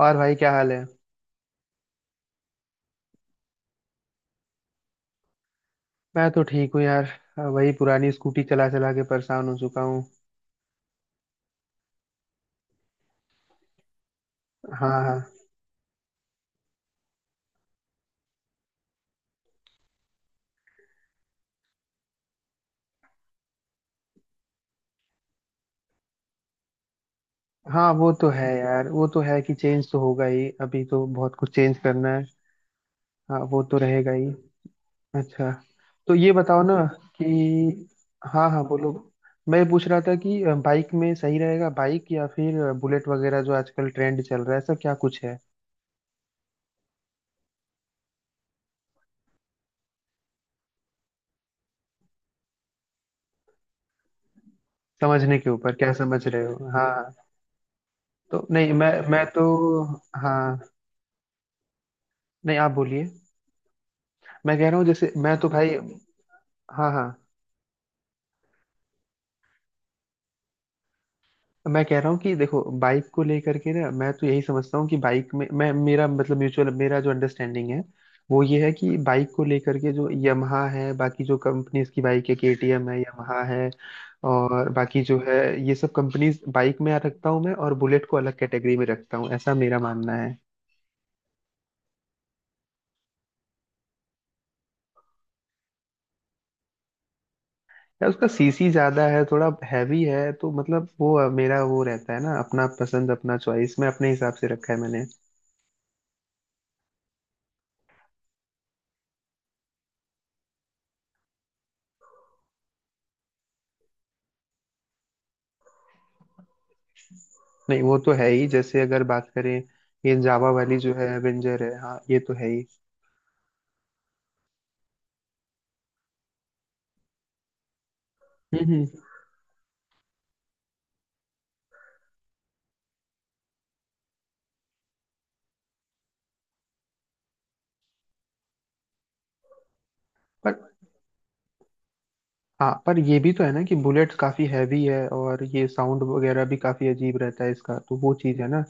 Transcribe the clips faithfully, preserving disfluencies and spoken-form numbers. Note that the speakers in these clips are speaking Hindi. और भाई, क्या हाल है। मैं तो ठीक हूँ यार। वही पुरानी स्कूटी चला चला के परेशान हो चुका हूँ। हाँ हाँ। हाँ वो तो है यार, वो तो है कि चेंज तो होगा ही, अभी तो बहुत कुछ चेंज करना है। हाँ वो तो रहेगा ही। अच्छा। तो ये बताओ ना कि। हाँ हाँ, बोलो। मैं पूछ रहा था कि बाइक में सही रहेगा, बाइक या फिर बुलेट वगैरह जो आजकल ट्रेंड चल रहा है, ऐसा क्या कुछ है। समझने के ऊपर, क्या समझ रहे हो? हाँ हाँ। तो नहीं, मैं मैं तो। हाँ। नहीं, आप बोलिए। मैं कह रहा हूँ जैसे मैं तो भाई। हाँ हाँ। मैं कह रहा हूँ कि देखो, बाइक को लेकर के ना मैं तो यही समझता हूँ कि बाइक में मैं, मेरा मतलब म्यूचुअल, मेरा जो अंडरस्टैंडिंग है, वो ये है कि बाइक को लेकर के जो यमहा है, बाकी जो कंपनीज की बाइक है, केटीएम है, यमहा है और बाकी जो है, ये सब कंपनीज बाइक में आ रखता हूँ मैं, और बुलेट को अलग कैटेगरी में रखता हूँ, ऐसा मेरा मानना है। यार उसका सीसी ज्यादा है, थोड़ा हैवी है, तो मतलब वो मेरा वो रहता है ना, अपना पसंद अपना चॉइस मैं अपने हिसाब से रखा है मैंने। नहीं वो तो है ही, जैसे अगर बात करें ये जावा वाली जो है एवेंजर है, हाँ ये तो है ही। हम्म हम्म। पर। हाँ पर ये भी तो है ना कि बुलेट काफी हैवी है, और ये साउंड वगैरह भी काफी अजीब रहता है इसका, तो वो चीज है ना।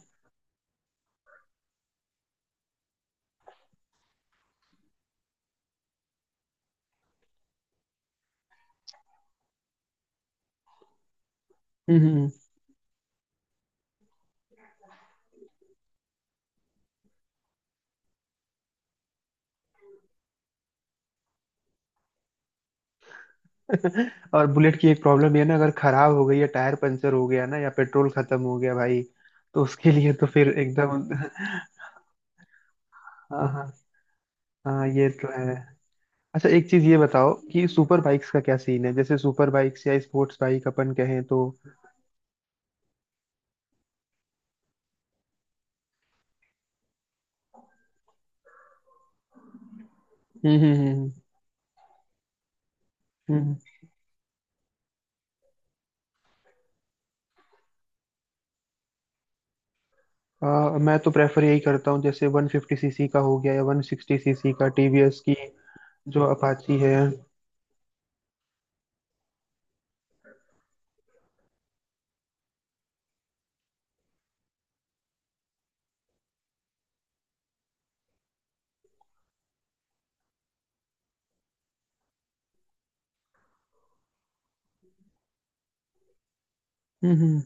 हम्म हम्म। और बुलेट की एक प्रॉब्लम ये है ना, अगर खराब हो गई या टायर पंचर हो गया ना, या पेट्रोल खत्म हो गया भाई, तो उसके लिए तो फिर एकदम हाँ हाँ। हाँ ये तो है। अच्छा एक चीज ये बताओ कि सुपर बाइक्स का क्या सीन है, जैसे सुपर बाइक्स या स्पोर्ट्स बाइक अपन कहें तो। हम्म हम्म हम्म। अ, मैं तो प्रेफर यही करता हूँ, जैसे वन फिफ्टी सीसी का हो गया या वन सिक्सटी सीसी का, टीवीएस की जो अपाची है। हम्म हम्म।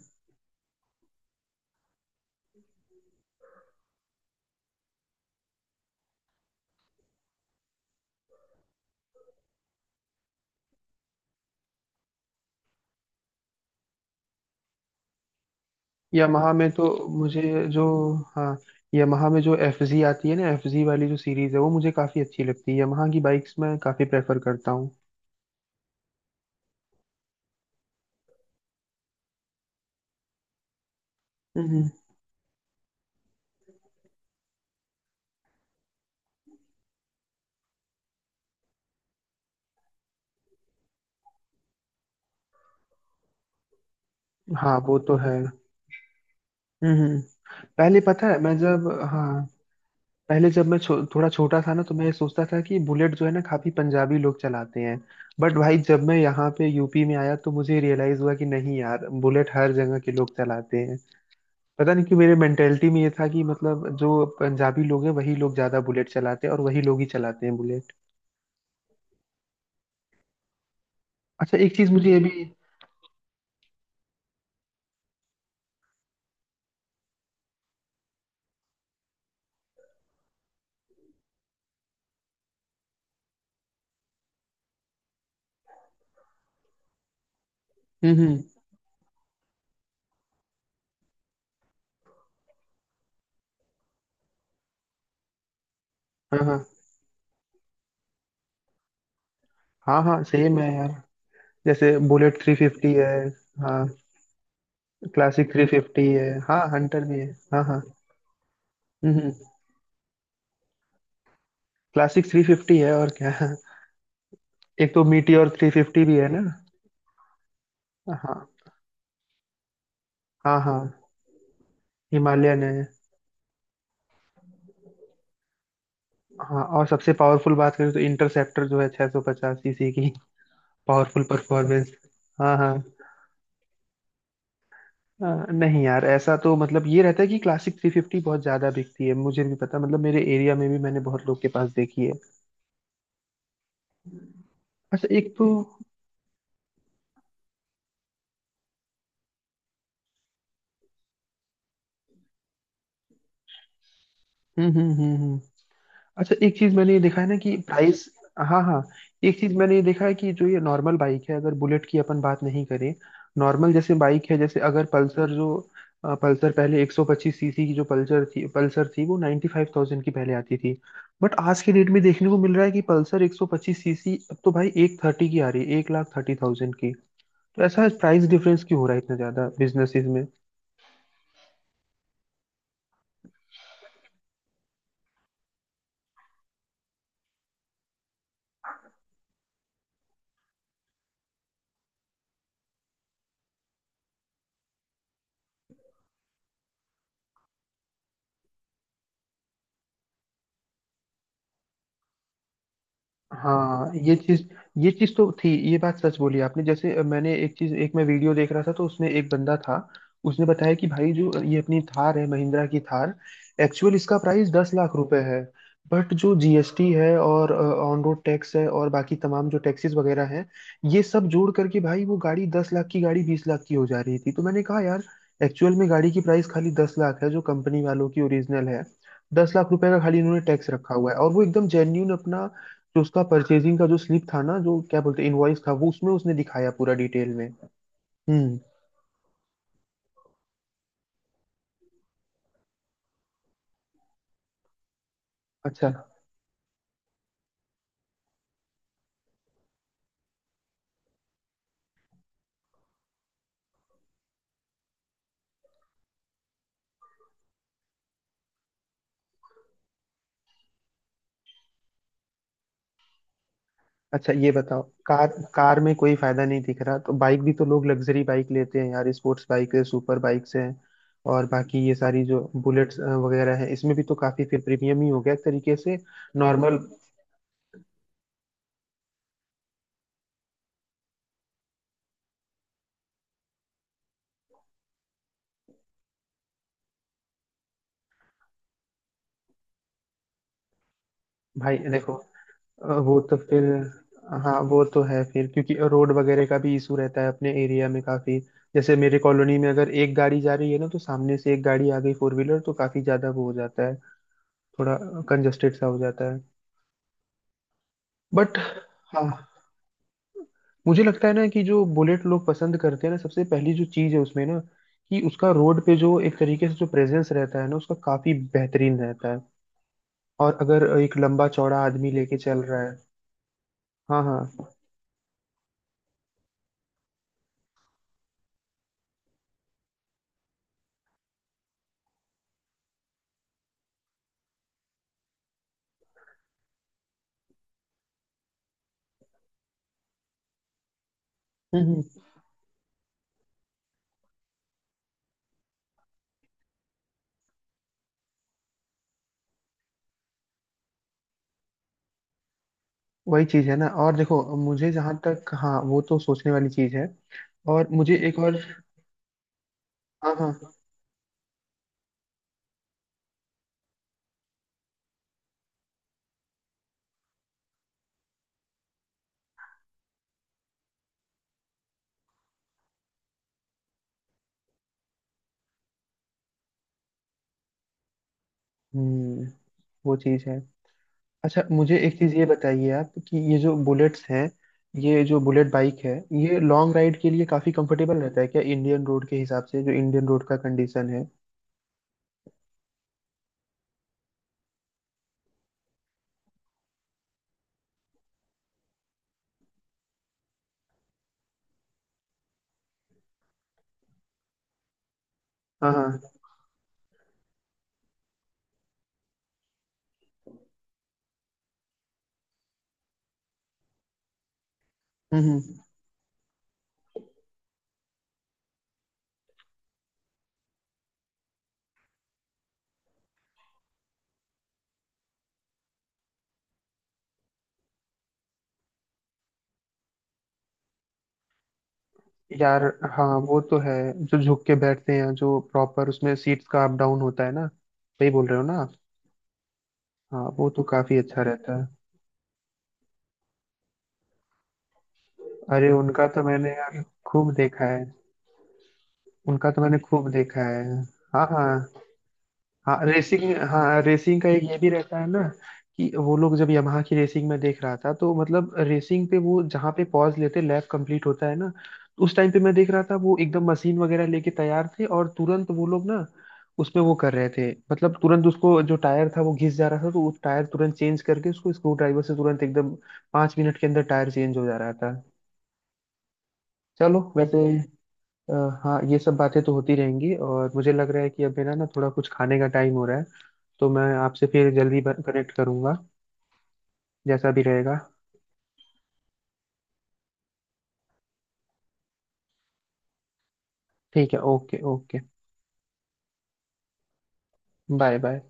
यामाहा में तो मुझे जो। हाँ, यामाहा में जो एफ जी आती है ना, एफ जी वाली जो सीरीज है वो मुझे काफी अच्छी लगती है, यामाहा की बाइक्स मैं काफी प्रेफर करता हूँ। हम्म हम्म। हाँ वो तो है। हम्म हम्म। पहले पता है मैं जब। हाँ। पहले जब मैं छो, थोड़ा छोटा था ना, तो मैं ये सोचता था कि बुलेट जो है ना, काफी पंजाबी लोग चलाते हैं। बट भाई जब मैं यहाँ पे यूपी में आया तो मुझे रियलाइज हुआ कि नहीं यार, बुलेट हर जगह के लोग चलाते हैं। पता नहीं कि मेरे मेंटेलिटी में ये था कि मतलब जो पंजाबी लोग हैं वही लोग ज्यादा बुलेट चलाते हैं, और वही लोग ही चलाते हैं बुलेट। अच्छा एक चीज मुझे ये भी। हम्म हम्म। हाँ हाँ। हाँ हाँ सेम है यार। जैसे बुलेट थ्री फिफ्टी है। हाँ क्लासिक थ्री फिफ्टी है, हाँ हंटर भी है। हाँ हाँ। हम्म। क्लासिक थ्री फिफ्टी है, और क्या? एक तो मीटियोर थ्री फिफ्टी भी है ना। हाँ हाँ। हाँ हिमालयन है। हाँ, और सबसे पावरफुल बात करें तो इंटरसेप्टर जो है छह सौ पचास सीसी की, पावरफुल परफॉर्मेंस। हाँ हाँ। अ, नहीं यार, ऐसा तो मतलब ये रहता है कि क्लासिक थ्री फिफ्टी बहुत ज्यादा बिकती है, मुझे भी पता, मतलब मेरे एरिया में भी मैंने बहुत लोग के पास देखी है। अच्छा एक तो। हम्म हम्म हम्म हम्म। अच्छा एक चीज मैंने ये देखा है ना कि प्राइस। हाँ हाँ। एक चीज मैंने ये देखा है कि जो ये नॉर्मल बाइक है, अगर बुलेट की अपन बात नहीं करें, नॉर्मल जैसे बाइक है, जैसे अगर पल्सर जो। अ, पल्सर पहले एक सौ पच्चीस सीसी की जो पल्सर थी, पल्सर थी वो निनेटी फाइव थाउजेंड की पहले आती थी। बट आज के डेट में देखने को मिल रहा है कि पल्सर एक सौ पच्चीस सीसी अब तो भाई एक थर्टी की आ रही है, एक लाख थर्टी थाउजेंड की। तो ऐसा प्राइस डिफरेंस क्यों हो रहा है इतना ज्यादा बिजनेसेस में? हाँ ये चीज। ये चीज तो थी, ये बात सच बोली आपने, जैसे अ, मैंने एक चीज, एक मैं वीडियो देख रहा था तो उसमें एक बंदा था, उसने बताया कि भाई जो ये अपनी थार है, महिंद्रा की थार, एक्चुअल इसका प्राइस दस लाख रुपए है। बट जो जीएसटी है और ऑन रोड टैक्स है और बाकी तमाम जो टैक्सेस वगैरह हैं, ये सब जोड़ करके भाई वो गाड़ी दस लाख की गाड़ी बीस लाख की हो जा रही थी, तो मैंने कहा यार, एक्चुअल में गाड़ी की प्राइस खाली दस लाख है जो कंपनी वालों की ओरिजिनल है। दस लाख रुपए का खाली इन्होंने टैक्स रखा हुआ है, और वो एकदम जेन्यून अपना, जो उसका परचेजिंग का जो स्लिप था ना जो क्या बोलते इनवॉइस था, वो उसमें उसने दिखाया पूरा डिटेल में। हम्म। अच्छा। अच्छा ये बताओ, कार। कार में कोई फायदा नहीं दिख रहा तो बाइक भी तो लोग लग्जरी बाइक लेते हैं यार, स्पोर्ट्स बाइक है, सुपर बाइक्स है, और बाकी ये सारी जो बुलेट्स अ, वगैरह है, इसमें भी तो काफी फिर प्रीमियम ही हो गया एक तरीके से। नॉर्मल। भाई देखो। अ, वो तो फिर। हाँ वो तो है फिर, क्योंकि रोड वगैरह का भी इशू रहता है अपने एरिया में काफी, जैसे मेरे कॉलोनी में अगर एक गाड़ी जा रही है ना तो सामने से एक गाड़ी आ गई फोर व्हीलर, तो काफी ज्यादा वो हो जाता है, थोड़ा कंजस्टेड सा हो जाता है। बट। हाँ। मुझे लगता है ना कि जो बुलेट लोग पसंद करते हैं ना, सबसे पहली जो चीज है उसमें ना, कि उसका रोड पे जो एक तरीके से जो प्रेजेंस रहता है ना उसका, काफी बेहतरीन रहता है। और अगर एक लंबा चौड़ा आदमी लेके चल रहा है। हाँ हाँ। हम्म, हम्म। वही चीज है ना, और देखो मुझे जहां तक। हाँ वो तो सोचने वाली चीज है। और मुझे एक और। हाँ हाँ। हम्म। वो चीज है। अच्छा मुझे एक चीज ये बताइए आप कि ये जो बुलेट्स हैं, ये जो बुलेट बाइक है, ये लॉन्ग राइड के लिए काफी कंफर्टेबल रहता है क्या इंडियन रोड के हिसाब से, जो इंडियन रोड का कंडीशन है। हाँ हाँ। हम्म हम्म। यार। हाँ वो तो है। जो झुक के बैठते हैं जो प्रॉपर, उसमें सीट्स का अप डाउन होता है ना, सही बोल रहे हो ना आप? हाँ वो तो काफी अच्छा रहता है। अरे उनका तो मैंने यार खूब देखा है। उनका तो मैंने खूब देखा है। हाँ हाँ। हाँ रेसिंग। हाँ रेसिंग का एक ये भी रहता है ना कि वो लोग, जब यमाहा की रेसिंग में देख रहा था तो मतलब रेसिंग पे वो जहाँ पे पॉज लेते, लैप कंप्लीट होता है ना, तो उस टाइम पे मैं देख रहा था, वो एकदम मशीन वगैरह लेके तैयार थे, और तुरंत वो लोग ना उसमें वो कर रहे थे, मतलब तुरंत उसको जो टायर था वो घिस जा रहा था, तो वो टायर तुरंत चेंज करके उसको स्क्रू ड्राइवर से तुरंत एकदम पांच मिनट के अंदर टायर चेंज हो जा रहा था। चलो वैसे। अ, हाँ ये सब बातें तो होती रहेंगी, और मुझे लग रहा है कि अब मेरा ना थोड़ा कुछ खाने का टाइम हो रहा है, तो मैं आपसे फिर जल्दी कनेक्ट करूंगा, जैसा भी रहेगा। ठीक है, ओके ओके। Bye, bye.